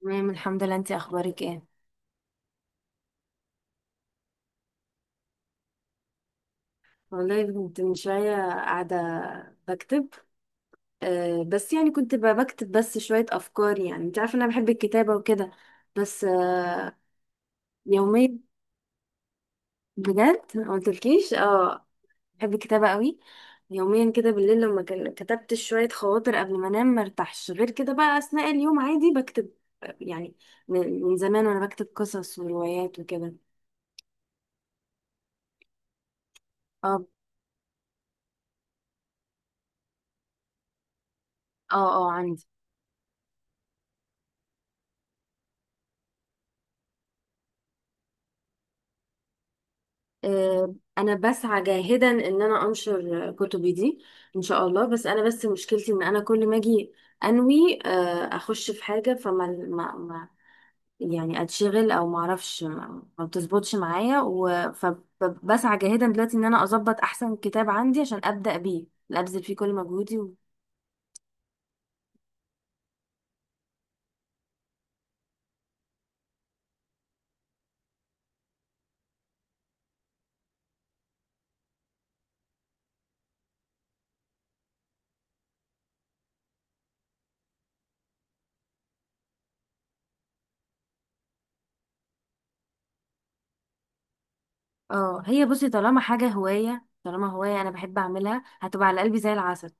تمام، الحمد لله. انتي اخبارك ايه؟ والله كنت من شويه قاعده بكتب. بس يعني كنت بكتب بس شويه افكار، يعني انت عارفه ان انا بحب الكتابه وكده. بس. يوميا، بجد ما قلتلكيش؟ اه. بحب الكتابه قوي. يوميا كده بالليل لما كتبت شويه خواطر قبل ما انام، ما ارتاحش. غير كده بقى اثناء اليوم عادي بكتب. يعني من زمان وانا بكتب قصص وروايات وكده. اه، اه، اه، عندي. انا بسعى جاهدا ان انا انشر كتبي دي. ان شاء الله. بس انا، بس مشكلتي ان انا كل ما اجي انوي، اخش في حاجه، فما ما ما يعني اتشغل، او ما اعرفش، ما بتظبطش معايا. فبسعى جاهدا دلوقتي ان انا اظبط احسن كتاب عندي عشان ابدا بيه، لا ابذل فيه كل مجهودي. اه، هي بصي، طالما حاجه هوايه، طالما هوايه انا بحب اعملها، هتبقى على قلبي زي العسل.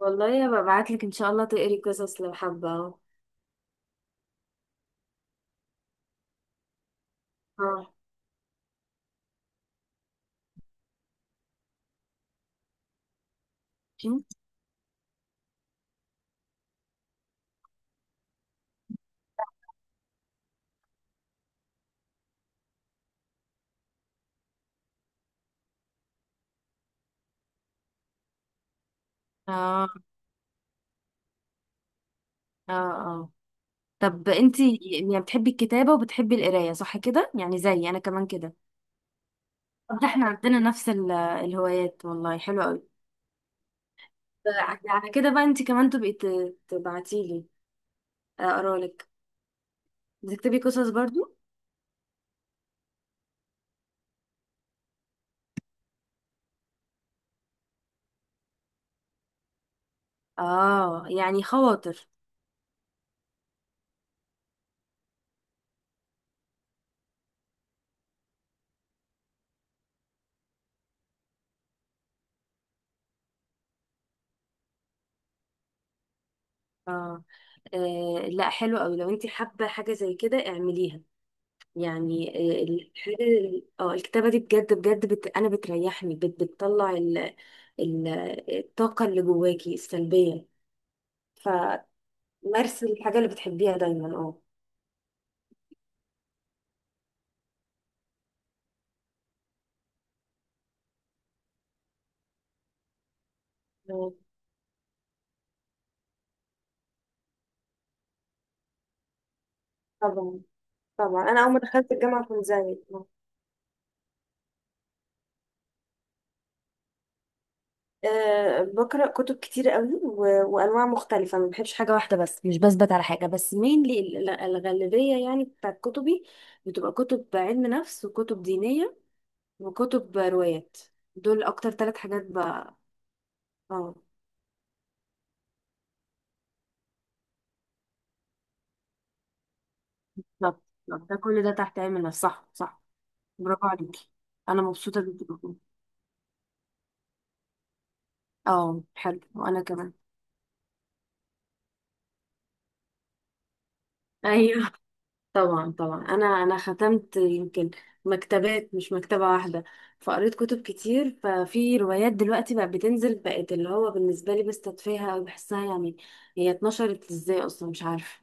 والله هبقى ابعت لك ان شاء الله تقري قصص لو حابه اهو. اه. ماشي؟ اه، اه، اه. طب انتي يعني بتحبي الكتابة وبتحبي القراية، صح كده؟ يعني زي انا كمان كده. طب ده احنا عندنا نفس الهوايات، والله حلو قوي. على كده بقى انتي كمان تبقي تبعتيلي اقرالك. بتكتبي قصص برضو؟ اه، يعني خواطر. اه. لا حلو قوي، لو انتي حابة حاجة زي كده اعمليها يعني. آه، الحاجة اه الكتابة دي بجد بجد انا بتريحني، بتطلع ال... الطاقة اللي جواكي السلبية. فمارسي الحاجة اللي بتحبيها دايما. اه. مم. طبعا. طبعا انا اول ما دخلت الجامعه كنت زيك. أه. أه بقرا كتب كتير قوي، وانواع مختلفه. ما بحبش حاجه واحده بس، مش بثبت على حاجه بس مينلي. الغالبيه يعني بتاعت كتبي بتبقى كتب علم نفس، وكتب دينيه، وكتب روايات. دول اكتر ثلاث حاجات بقى. اه. بالظبط، بالظبط. ده كل ده تحت علم النفس، صح، صح. برافو عليكي. انا مبسوطه جدا. اه حلو، وانا كمان. ايوه، طبعا، طبعا. انا ختمت يمكن مكتبات، مش مكتبه واحده. فقريت كتب كتير. ففي روايات دلوقتي بقت بتنزل، بقت اللي هو بالنسبه لي بستدفيها او بحسها، يعني هي اتنشرت ازاي اصلا؟ مش عارفه.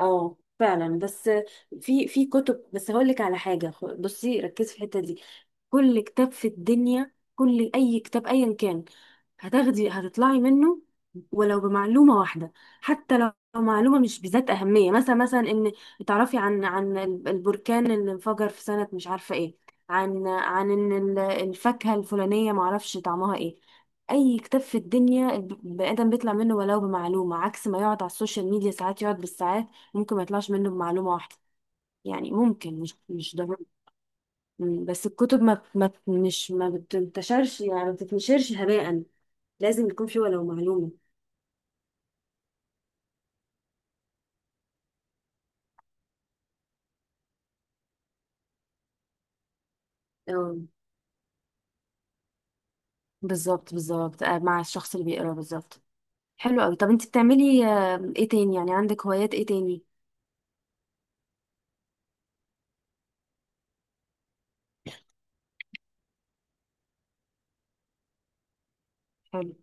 اه فعلا. بس في كتب، بس هقول لك على حاجه، بصي ركزي في الحته دي. كل كتاب في الدنيا، كل اي كتاب ايا كان، هتاخدي، هتطلعي منه ولو بمعلومة واحدة، حتى لو معلومة مش بذات أهمية. مثلا، مثلا، إن تعرفي عن البركان اللي انفجر في سنة مش عارفة إيه، عن إن ال- الفاكهة الفلانية معرفش طعمها إيه. أي كتاب في الدنيا البني آدم بيطلع منه ولو بمعلومة، عكس ما يقعد على السوشيال ميديا ساعات، يقعد بالساعات ممكن ما يطلعش منه بمعلومة واحدة. يعني ممكن، مش مش ضروري. مم. بس الكتب ما بت- ما بت- مش ما بتنتشرش، يعني ما بتتنشرش هباء. لازم يكون في ولو معلومة. اه، بالظبط، بالظبط. مع الشخص اللي بيقرا بالظبط. حلو قوي. طب انت بتعملي ايه تاني؟ يعني عندك هوايات ايه تاني؟ حلو.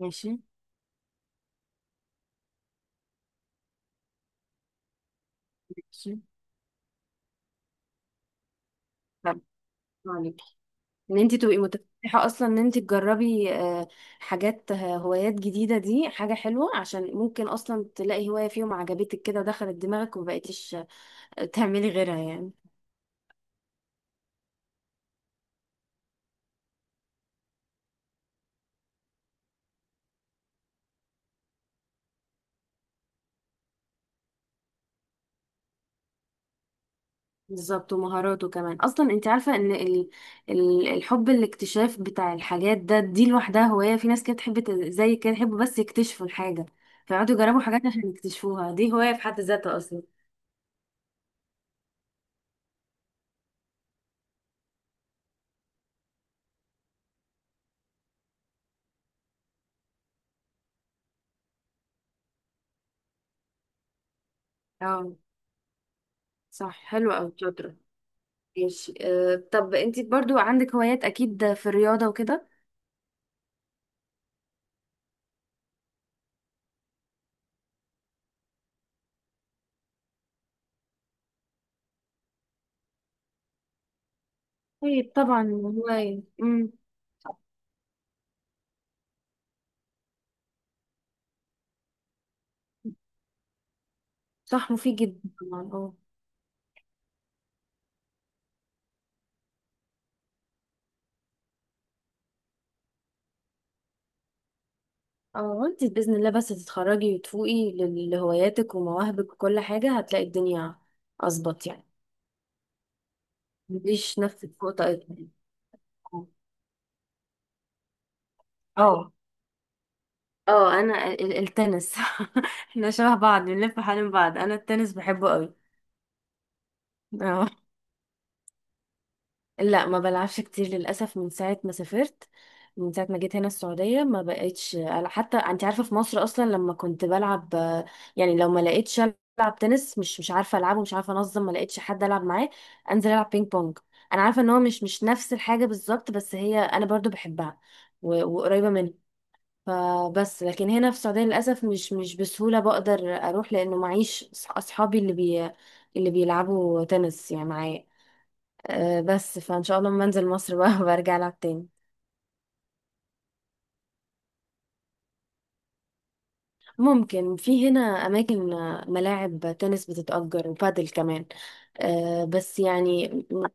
ماشي. ماشي. طب عليك ان انت تبقي متفتحة اصلا، ان انت تجربي حاجات، هوايات جديدة. دي حاجة حلوة، عشان ممكن اصلا تلاقي هواية فيهم عجبتك كده ودخلت دماغك ومبقيتيش تعملي غيرها يعني. بالظبط. ومهاراته كمان اصلا. انت عارفه ان الحب، الاكتشاف بتاع الحاجات ده، دي لوحدها هوايه. في ناس كده تحب زي كده يحبوا بس يكتشفوا الحاجه، فيقعدوا يجربوا حاجات عشان يكتشفوها. دي هوايه في حد ذاتها اصلا. اه، صح. حلو قوي، شاطره. ماشي. أه. طب انت برضو عندك هوايات اكيد في الرياضه وكده. طيب، طبعا هوايه. صح، مفيد جدا طبعا. اه. اه، انت بإذن الله بس تتخرجي وتفوقي لهواياتك ومواهبك وكل حاجة، هتلاقي الدنيا أظبط يعني. مديش نفسك فوق طاقتك. اه، اه، انا التنس احنا شبه بعض، بنلف حوالين بعض، انا التنس بحبه قوي. اه. لا، ما بلعبش كتير للأسف من ساعة ما سافرت، من ساعة ما جيت هنا السعودية ما بقتش. حتى انت عارفة في مصر أصلا لما كنت بلعب يعني، لو ما لقيتش ألعب تنس، مش مش عارفة ألعبه، مش عارفة أنظم، ما لقيتش حد ألعب معاه، أنزل ألعب بينج بونج. أنا عارفة إن هو مش مش نفس الحاجة بالظبط، بس هي أنا برضو بحبها، وقريبة منها. فبس لكن هنا في السعودية للأسف مش مش بسهولة بقدر أروح، لأنه معيش أصحابي اللي اللي بيلعبوا تنس يعني معايا. بس فان شاء الله لما انزل مصر بقى برجع العب تاني. ممكن في هنا اماكن ملاعب تنس بتتأجر، وبادل كمان. بس يعني،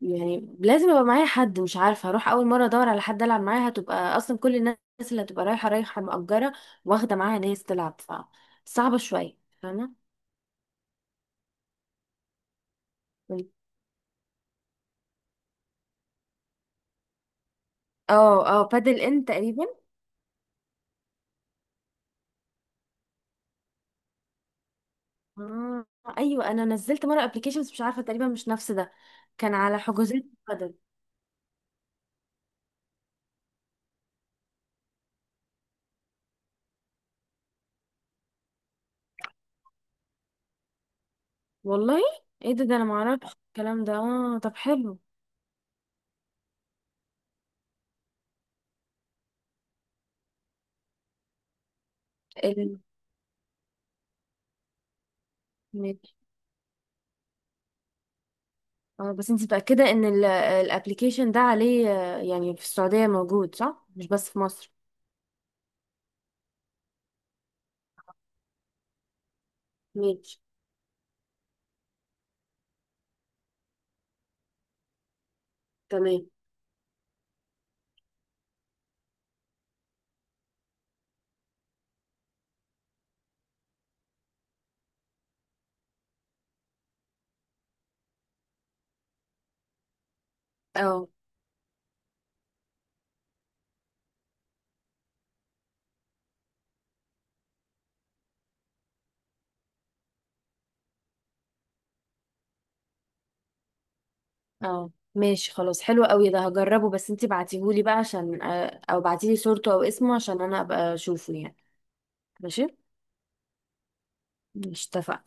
يعني لازم يبقى معايا حد. مش عارفه، هروح اول مره ادور على حد العب معاه؟ هتبقى اصلا كل الناس اللي هتبقى رايحه، رايحه مأجره واخده معاها ناس تلعب. ف صعبه شويه، فاهمه؟ اه، اه، بادل ان تقريبا. آه، ايوه انا نزلت مره ابلكيشنز مش عارفه تقريبا مش نفس ده، كان على حجوزات بادل. والله، ايه ده؟ ده انا معرفش الكلام ده. اه طب حلو. ال... ماشي. اه، بس انت متأكدة ان الابليكيشن ده عليه، يعني في السعودية موجود، صح؟ مش بس في مصر. ماشي، تمام. اه. اه ماشي، خلاص، حلو قوي. ده هجربه، بس انت بعتيهولي بقى عشان، او بعتيلي صورته او اسمه عشان انا ابقى اشوفه يعني. ماشي. مش اتفقنا؟